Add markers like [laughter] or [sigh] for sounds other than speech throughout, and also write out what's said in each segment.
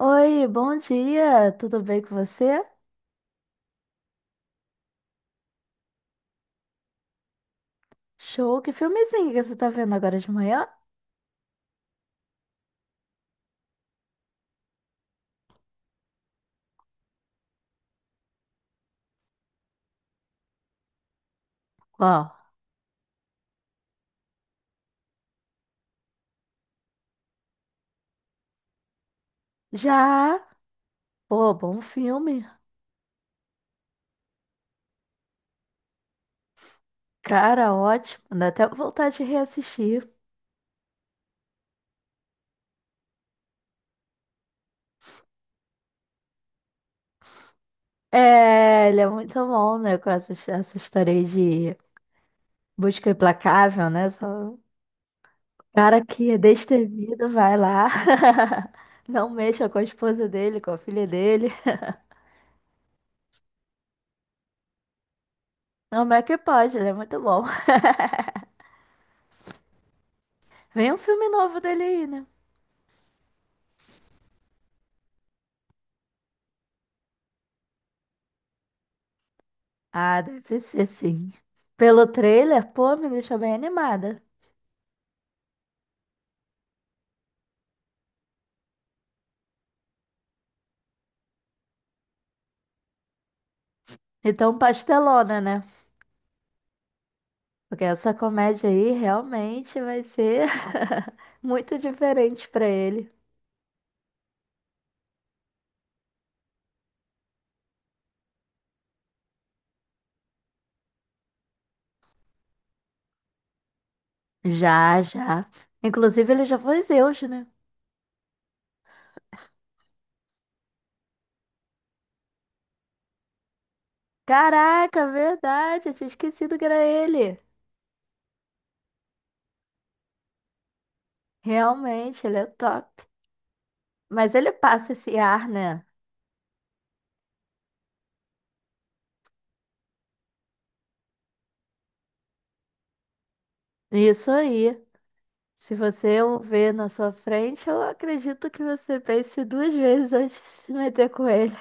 Oi, bom dia, tudo bem com você? Show, que filmezinho que você tá vendo agora de manhã? Qual? Já, pô, bom filme, cara, ótimo, dá até vontade de reassistir. É, ele é muito bom, né, com essa história aí de busca implacável, né, só o cara que é destemido vai lá, [laughs] não mexa com a esposa dele, com a filha dele, não, mas é que pode, ele é muito bom. Vem um filme novo dele aí, né? Ah, deve ser sim. Pelo trailer, pô, me deixou bem animada. Então, pastelona, né? Porque essa comédia aí realmente vai ser [laughs] muito diferente pra ele. Já, já. Inclusive, ele já foi Zeus, né? Caraca, verdade, eu tinha esquecido que era ele. Realmente, ele é top. Mas ele passa esse ar, né? Isso aí. Se você o ver na sua frente, eu acredito que você pense duas vezes antes de se meter com ele.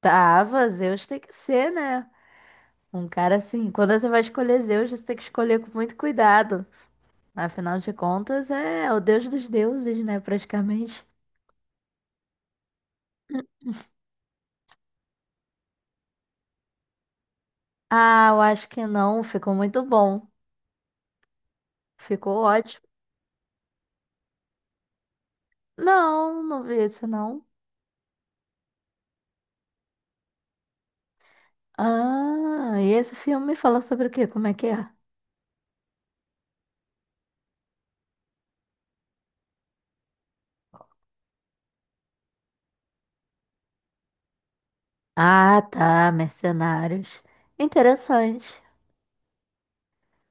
Tava, Zeus tem que ser, né? Um cara assim, quando você vai escolher Zeus, você tem que escolher com muito cuidado. Afinal de contas, é o deus dos deuses, né? Praticamente. Ah, eu acho que não. Ficou muito bom. Ficou ótimo. Não, não vi esse não. Ah, e esse filme fala sobre o quê? Como é que é? Ah, tá, Mercenários. Interessante.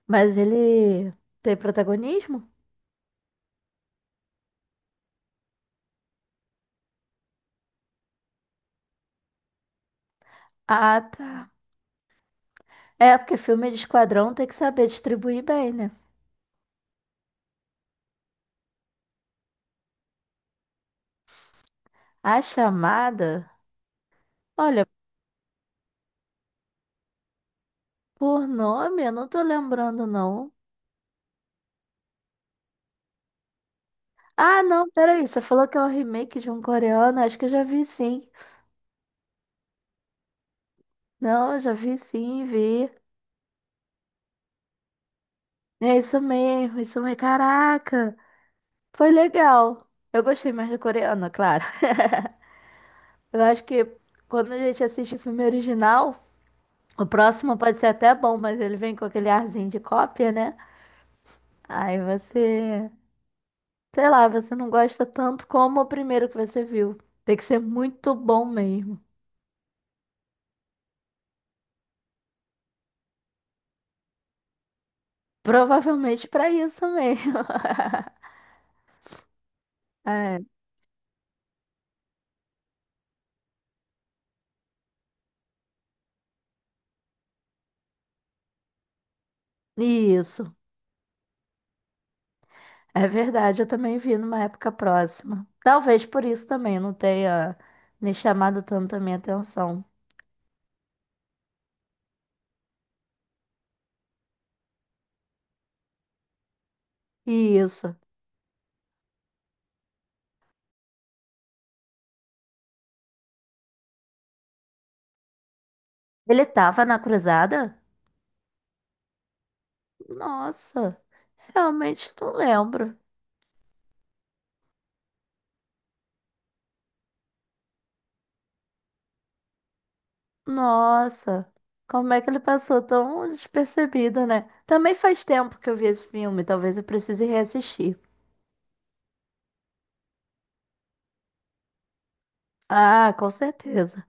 Mas ele tem protagonismo? Ah, tá. É, porque filme de esquadrão tem que saber distribuir bem, né? A chamada? Olha, por nome eu não tô lembrando, não. Ah, não, peraí, você falou que é um remake de um coreano? Acho que eu já vi sim. Não, já vi sim, vi. É isso mesmo, isso mesmo. Caraca, foi legal. Eu gostei mais do coreano, claro. Eu acho que quando a gente assiste o filme original, o próximo pode ser até bom, mas ele vem com aquele arzinho de cópia, né? Aí você, sei lá, você não gosta tanto como o primeiro que você viu. Tem que ser muito bom mesmo. Provavelmente para isso mesmo. [laughs] É, isso. É verdade, eu também vi numa época próxima. Talvez por isso também não tenha me chamado tanto a minha atenção. Isso. Ele tava na cruzada? Nossa, realmente não lembro. Nossa, como é que ele passou tão despercebido, né? Também faz tempo que eu vi esse filme, talvez eu precise reassistir. Ah, com certeza.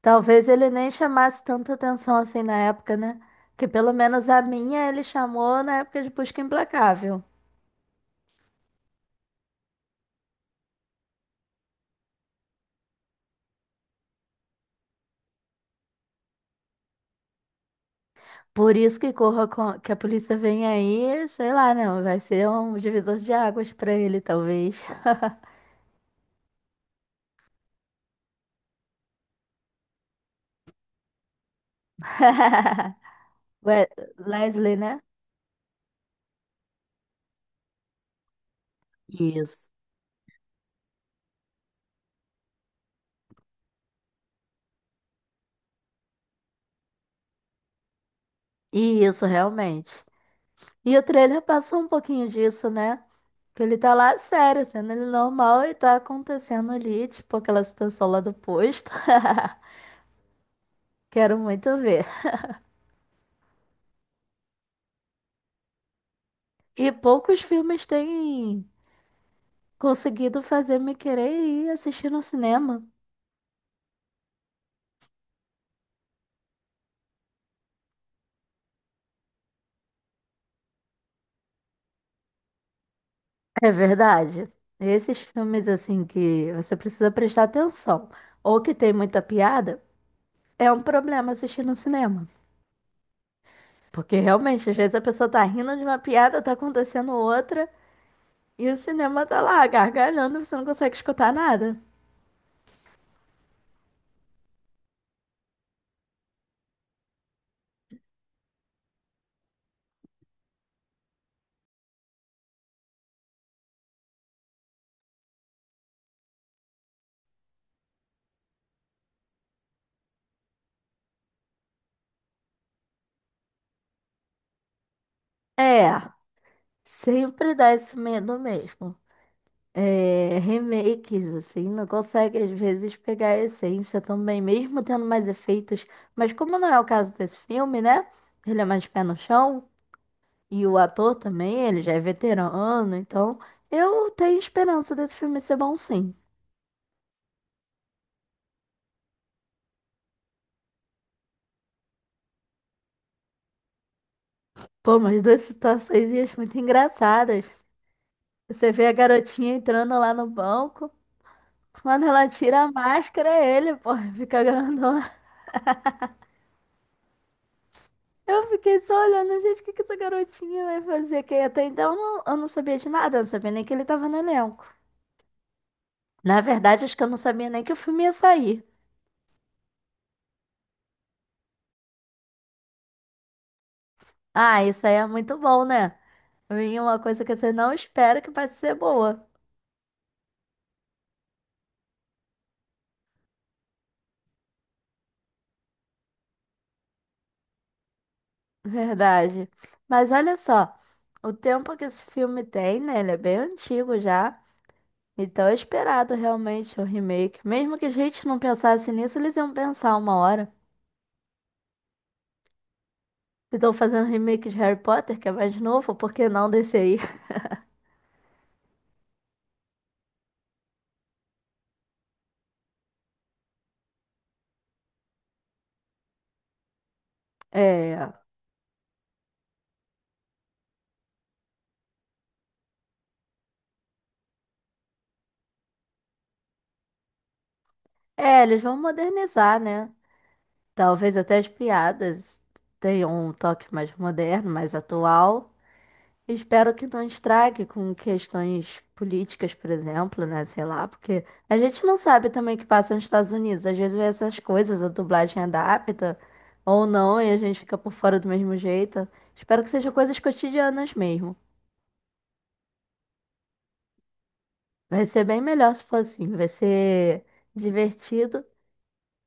Talvez ele nem chamasse tanta atenção assim na época, né? Que pelo menos a minha ele chamou na época de Busca Implacável. Por isso que que a polícia vem aí, sei lá, não, vai ser um divisor de águas pra ele, talvez. [laughs] Ué, Leslie, né? Isso. Isso, realmente. E o trailer passou um pouquinho disso, né? Que ele tá lá sério, sendo ele normal e tá acontecendo ali, tipo aquela situação lá do posto. [laughs] Quero muito ver. E poucos filmes têm conseguido fazer me querer ir assistir no cinema. É verdade. Esses filmes, assim, que você precisa prestar atenção, ou que tem muita piada, é um problema assistir no cinema. Porque realmente, às vezes a pessoa tá rindo de uma piada, tá acontecendo outra, e o cinema tá lá gargalhando, você não consegue escutar nada. É, sempre dá esse medo mesmo. É, remakes, assim, não consegue às vezes pegar a essência também, mesmo tendo mais efeitos. Mas como não é o caso desse filme, né? Ele é mais pé no chão, e o ator também, ele já é veterano, então eu tenho esperança desse filme ser bom sim. Pô, mas duas situações e acho muito engraçadas. Você vê a garotinha entrando lá no banco, quando ela tira a máscara, é ele, pô, [laughs] fica grandão. Eu fiquei só olhando, gente, o que que essa garotinha vai fazer? Que até então eu não sabia de nada, eu não sabia nem que ele tava no elenco. Na verdade, acho que eu não sabia nem que o filme ia sair. Ah, isso aí é muito bom, né? Vem uma coisa que você não espera que vai ser boa. Verdade. Mas olha só, o tempo que esse filme tem, né? Ele é bem antigo já. Então é esperado realmente o remake. Mesmo que a gente não pensasse nisso, eles iam pensar uma hora. Se estão fazendo remake de Harry Potter, que é mais novo, por que não desse aí? É, é, eles vão modernizar, né? Talvez até as piadas tenham um toque mais moderno, mais atual. Espero que não estrague com questões políticas, por exemplo, né? Sei lá, porque a gente não sabe também o que passa nos Estados Unidos. Às vezes essas coisas, a dublagem adapta ou não, e a gente fica por fora do mesmo jeito. Espero que sejam coisas cotidianas mesmo. Vai ser bem melhor se for assim. Vai ser divertido.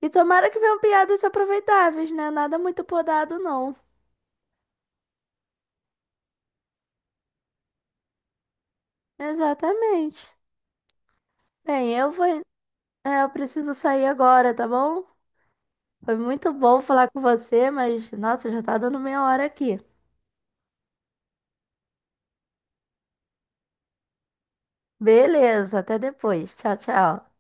E tomara que venham piadas aproveitáveis, né? Nada muito podado, não. Exatamente. Bem, eu vou. É, eu preciso sair agora, tá bom? Foi muito bom falar com você, mas nossa, já tá dando meia hora aqui. Beleza, até depois. Tchau, tchau.